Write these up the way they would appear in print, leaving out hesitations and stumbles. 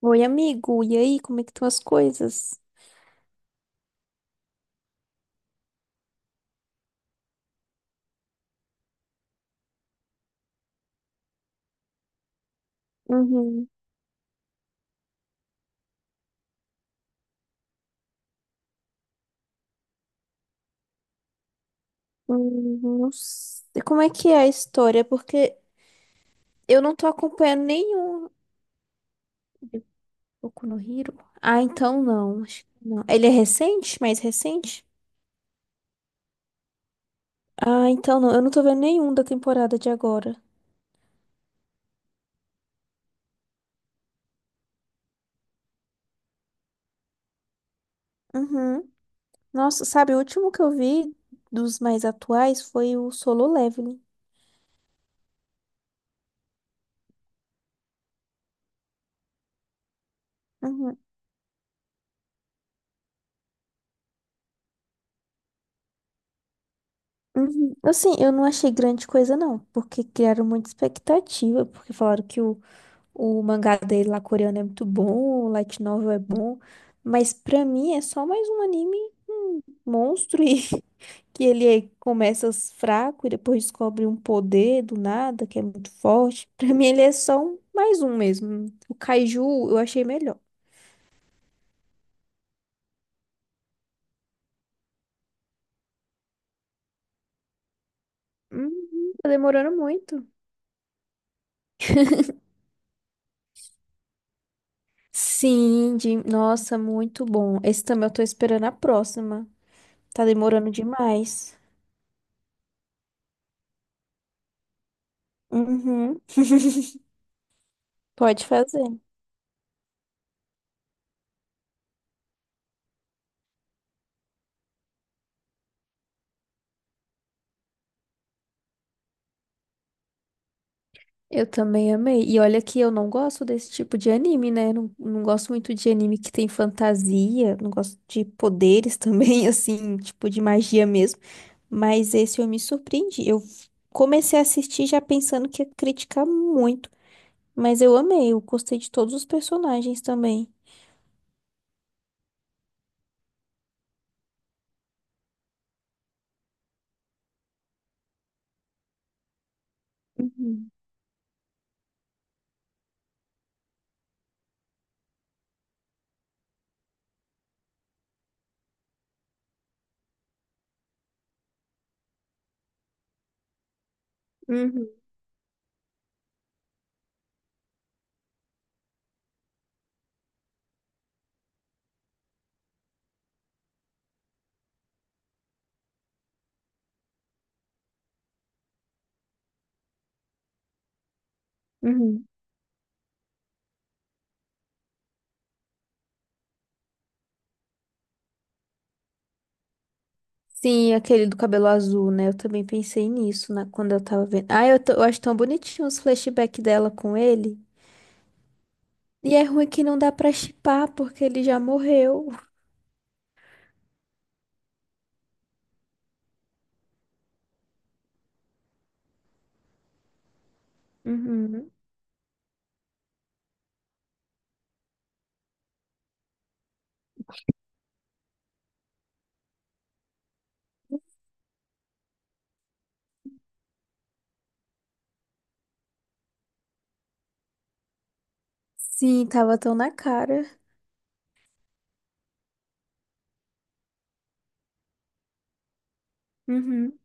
Oi, amigo. E aí, como é que estão as coisas? Uhum. Não sei. Como é que é a história? Porque eu não tô acompanhando nenhum. Boku no Hero? Ah, então não. Acho que não. Ele é recente? Mais recente? Ah, então não. Eu não tô vendo nenhum da temporada de agora. Uhum. Nossa, sabe, o último que eu vi dos mais atuais foi o Solo Leveling. Uhum. Uhum. Assim, eu não achei grande coisa, não, porque criaram muita expectativa, porque falaram que o mangá dele lá coreano é muito bom, o light novel é bom, mas pra mim é só mais um anime monstro e que ele começa fraco e depois descobre um poder do nada que é muito forte. Pra mim ele é só mais um mesmo. O Kaiju eu achei melhor. Uhum, tá demorando muito. Sim, de... nossa, muito bom. Esse também eu tô esperando a próxima. Tá demorando demais. Uhum, pode fazer. Eu também amei. E olha que eu não gosto desse tipo de anime, né? Não gosto muito de anime que tem fantasia, não gosto de poderes também, assim, tipo de magia mesmo. Mas esse eu me surpreendi. Eu comecei a assistir já pensando que ia criticar muito, mas eu amei, eu gostei de todos os personagens também. Uhum, uhum, uhum. Sim, aquele do cabelo azul, né? Eu também pensei quando eu tava vendo. Ah, eu acho tão bonitinho os flashbacks dela com ele. E é ruim que não dá pra chipar, porque ele já morreu. Uhum. Sim, tava tão na cara. Uhum.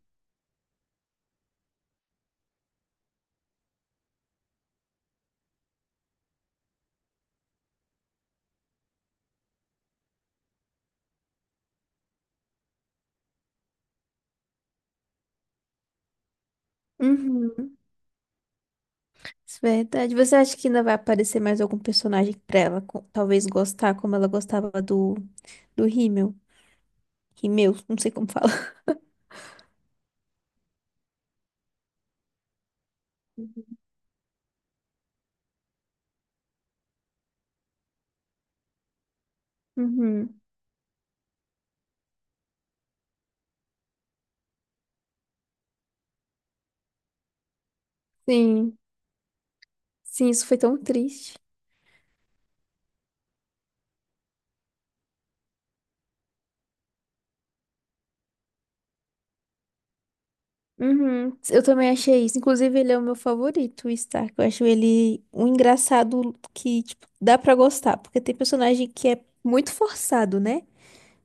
Uhum. Isso é verdade. Você acha que ainda vai aparecer mais algum personagem pra ela, talvez gostar como ela gostava do do Rímel? Rímel, não sei como fala. Uhum. Sim. Sim, isso foi tão triste. Uhum. Eu também achei isso. Inclusive, ele é o meu favorito, o Stark. Eu acho ele um engraçado que, tipo, dá pra gostar, porque tem personagem que é muito forçado, né?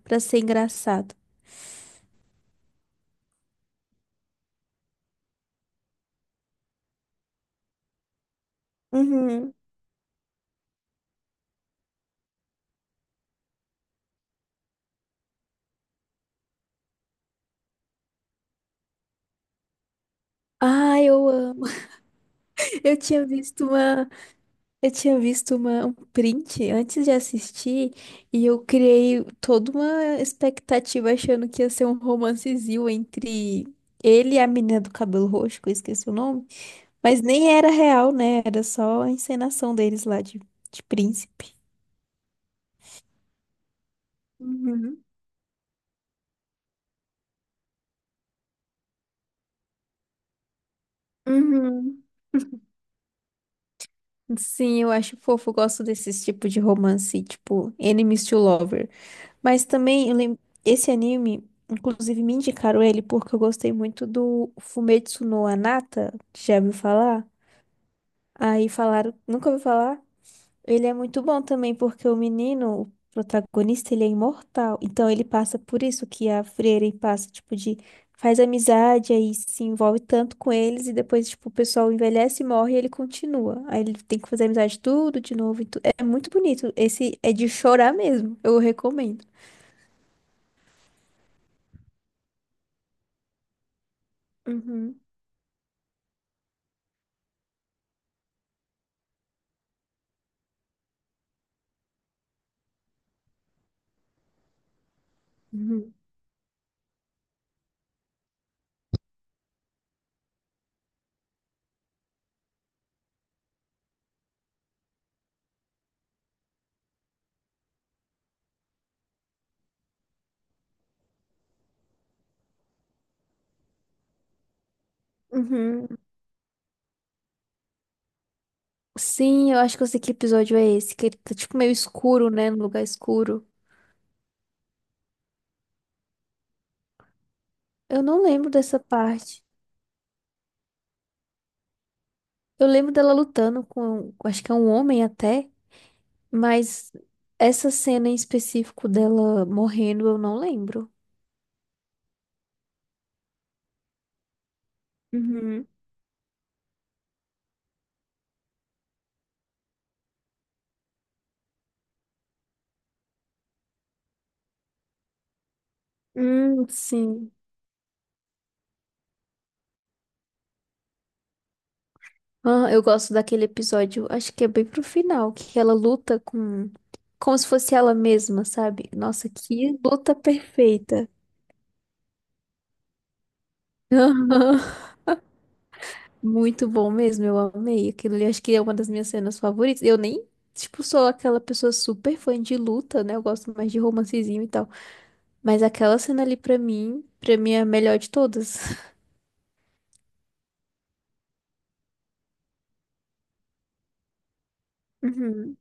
Pra ser engraçado. Uhum. Ah, eu amo. Eu tinha visto uma, eu tinha visto um print antes de assistir e eu criei toda uma expectativa achando que ia ser um romancezinho entre ele e a menina do cabelo roxo, que eu esqueci o nome, mas nem era real, né? Era só a encenação deles lá de príncipe. Uhum. Uhum. Sim, eu acho fofo, eu gosto desses tipos de romance, tipo enemies to lovers. Mas também eu lembro, esse anime, inclusive me indicaram ele porque eu gostei muito do Fumetsu no Anata, já ouviu falar? Aí falaram, nunca ouviu falar? Ele é muito bom também porque o menino, o protagonista, ele é imortal. Então ele passa por isso que a Frieren passa, tipo, de faz amizade, aí se envolve tanto com eles e depois, tipo, o pessoal envelhece, morre e ele continua. Aí ele tem que fazer amizade tudo de novo. É muito bonito. Esse é de chorar mesmo. Eu recomendo. Uhum. Uhum. Uhum. Sim, eu acho que eu sei que episódio é esse, que ele tá tipo meio escuro, né? No lugar escuro. Eu não lembro dessa parte. Eu lembro dela lutando com, acho que é um homem até, mas essa cena em específico dela morrendo, eu não lembro. Uhum. Sim. Ah, eu gosto daquele episódio, acho que é bem pro final, que ela luta como se fosse ela mesma, sabe? Nossa, que luta perfeita. Muito bom mesmo, eu amei aquilo ali. Acho que é uma das minhas cenas favoritas. Eu nem, tipo, sou aquela pessoa super fã de luta, né? Eu gosto mais de romancezinho e tal. Mas aquela cena ali, pra mim é a melhor de todas. Uhum.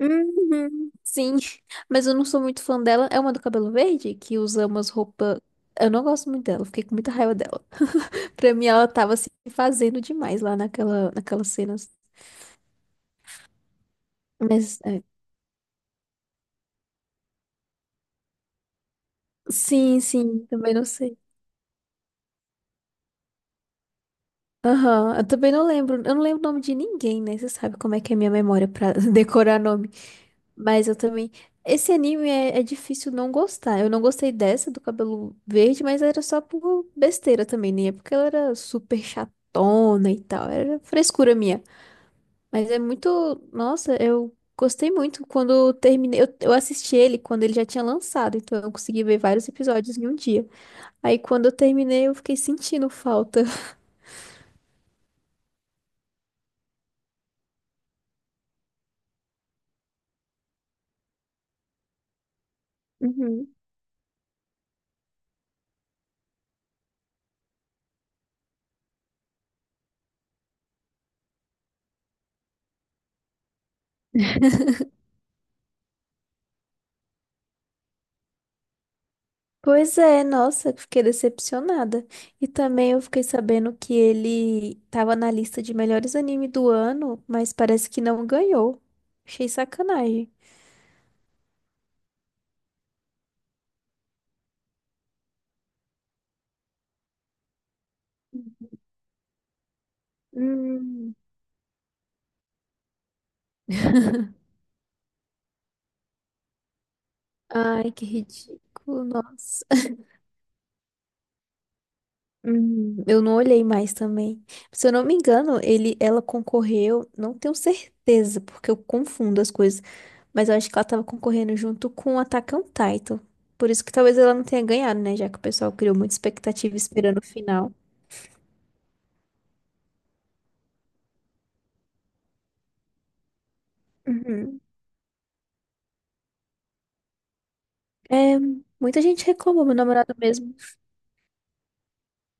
Uhum. Sim, mas eu não sou muito fã dela. É uma do cabelo verde que usa umas roupas. Eu não gosto muito dela, fiquei com muita raiva dela. Pra mim, ela tava se fazendo demais lá naquelas cenas. Mas, é, sim, sim, também não sei. Aham, eu também não lembro. Eu não lembro o nome de ninguém, né? Você sabe como é que é minha memória pra decorar nome. Mas eu também. Esse anime é difícil não gostar. Eu não gostei dessa do cabelo verde, mas era só por besteira também, né? Porque ela era super chatona e tal. Era frescura minha. Mas é muito. Nossa, eu gostei muito quando eu terminei. Eu assisti ele quando ele já tinha lançado, então eu consegui ver vários episódios em um dia. Aí quando eu terminei, eu fiquei sentindo falta. Uhum. Pois é, nossa, fiquei decepcionada. E também eu fiquei sabendo que ele tava na lista de melhores anime do ano, mas parece que não ganhou. Achei sacanagem. Hum, Ai, que ridículo, nossa. Eu não olhei mais também. Se eu não me engano, ela concorreu, não tenho certeza, porque eu confundo as coisas, mas eu acho que ela tava concorrendo junto com Attack on Titan. Por isso que talvez ela não tenha ganhado, né? Já que o pessoal criou muita expectativa esperando o final. Uhum. É, muita gente reclamou, meu namorado mesmo.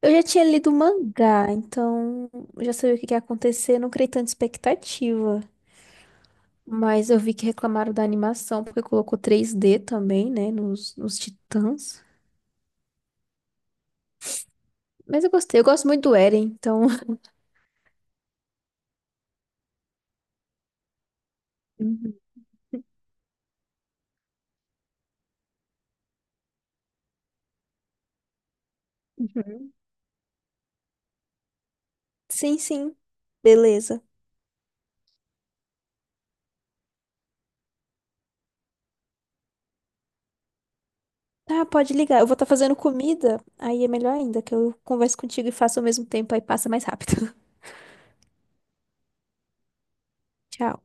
Eu já tinha lido o mangá, então eu já sabia o que que ia acontecer, não criei tanta expectativa. Mas eu vi que reclamaram da animação, porque colocou 3D também, né, nos Titãs. Mas eu gostei, eu gosto muito do Eren, então. Uhum. Uhum. Sim, sim. Beleza. Tá, pode ligar. Eu vou estar fazendo comida, aí é melhor ainda, que eu converso contigo e faço ao mesmo tempo, aí passa mais rápido. Tchau.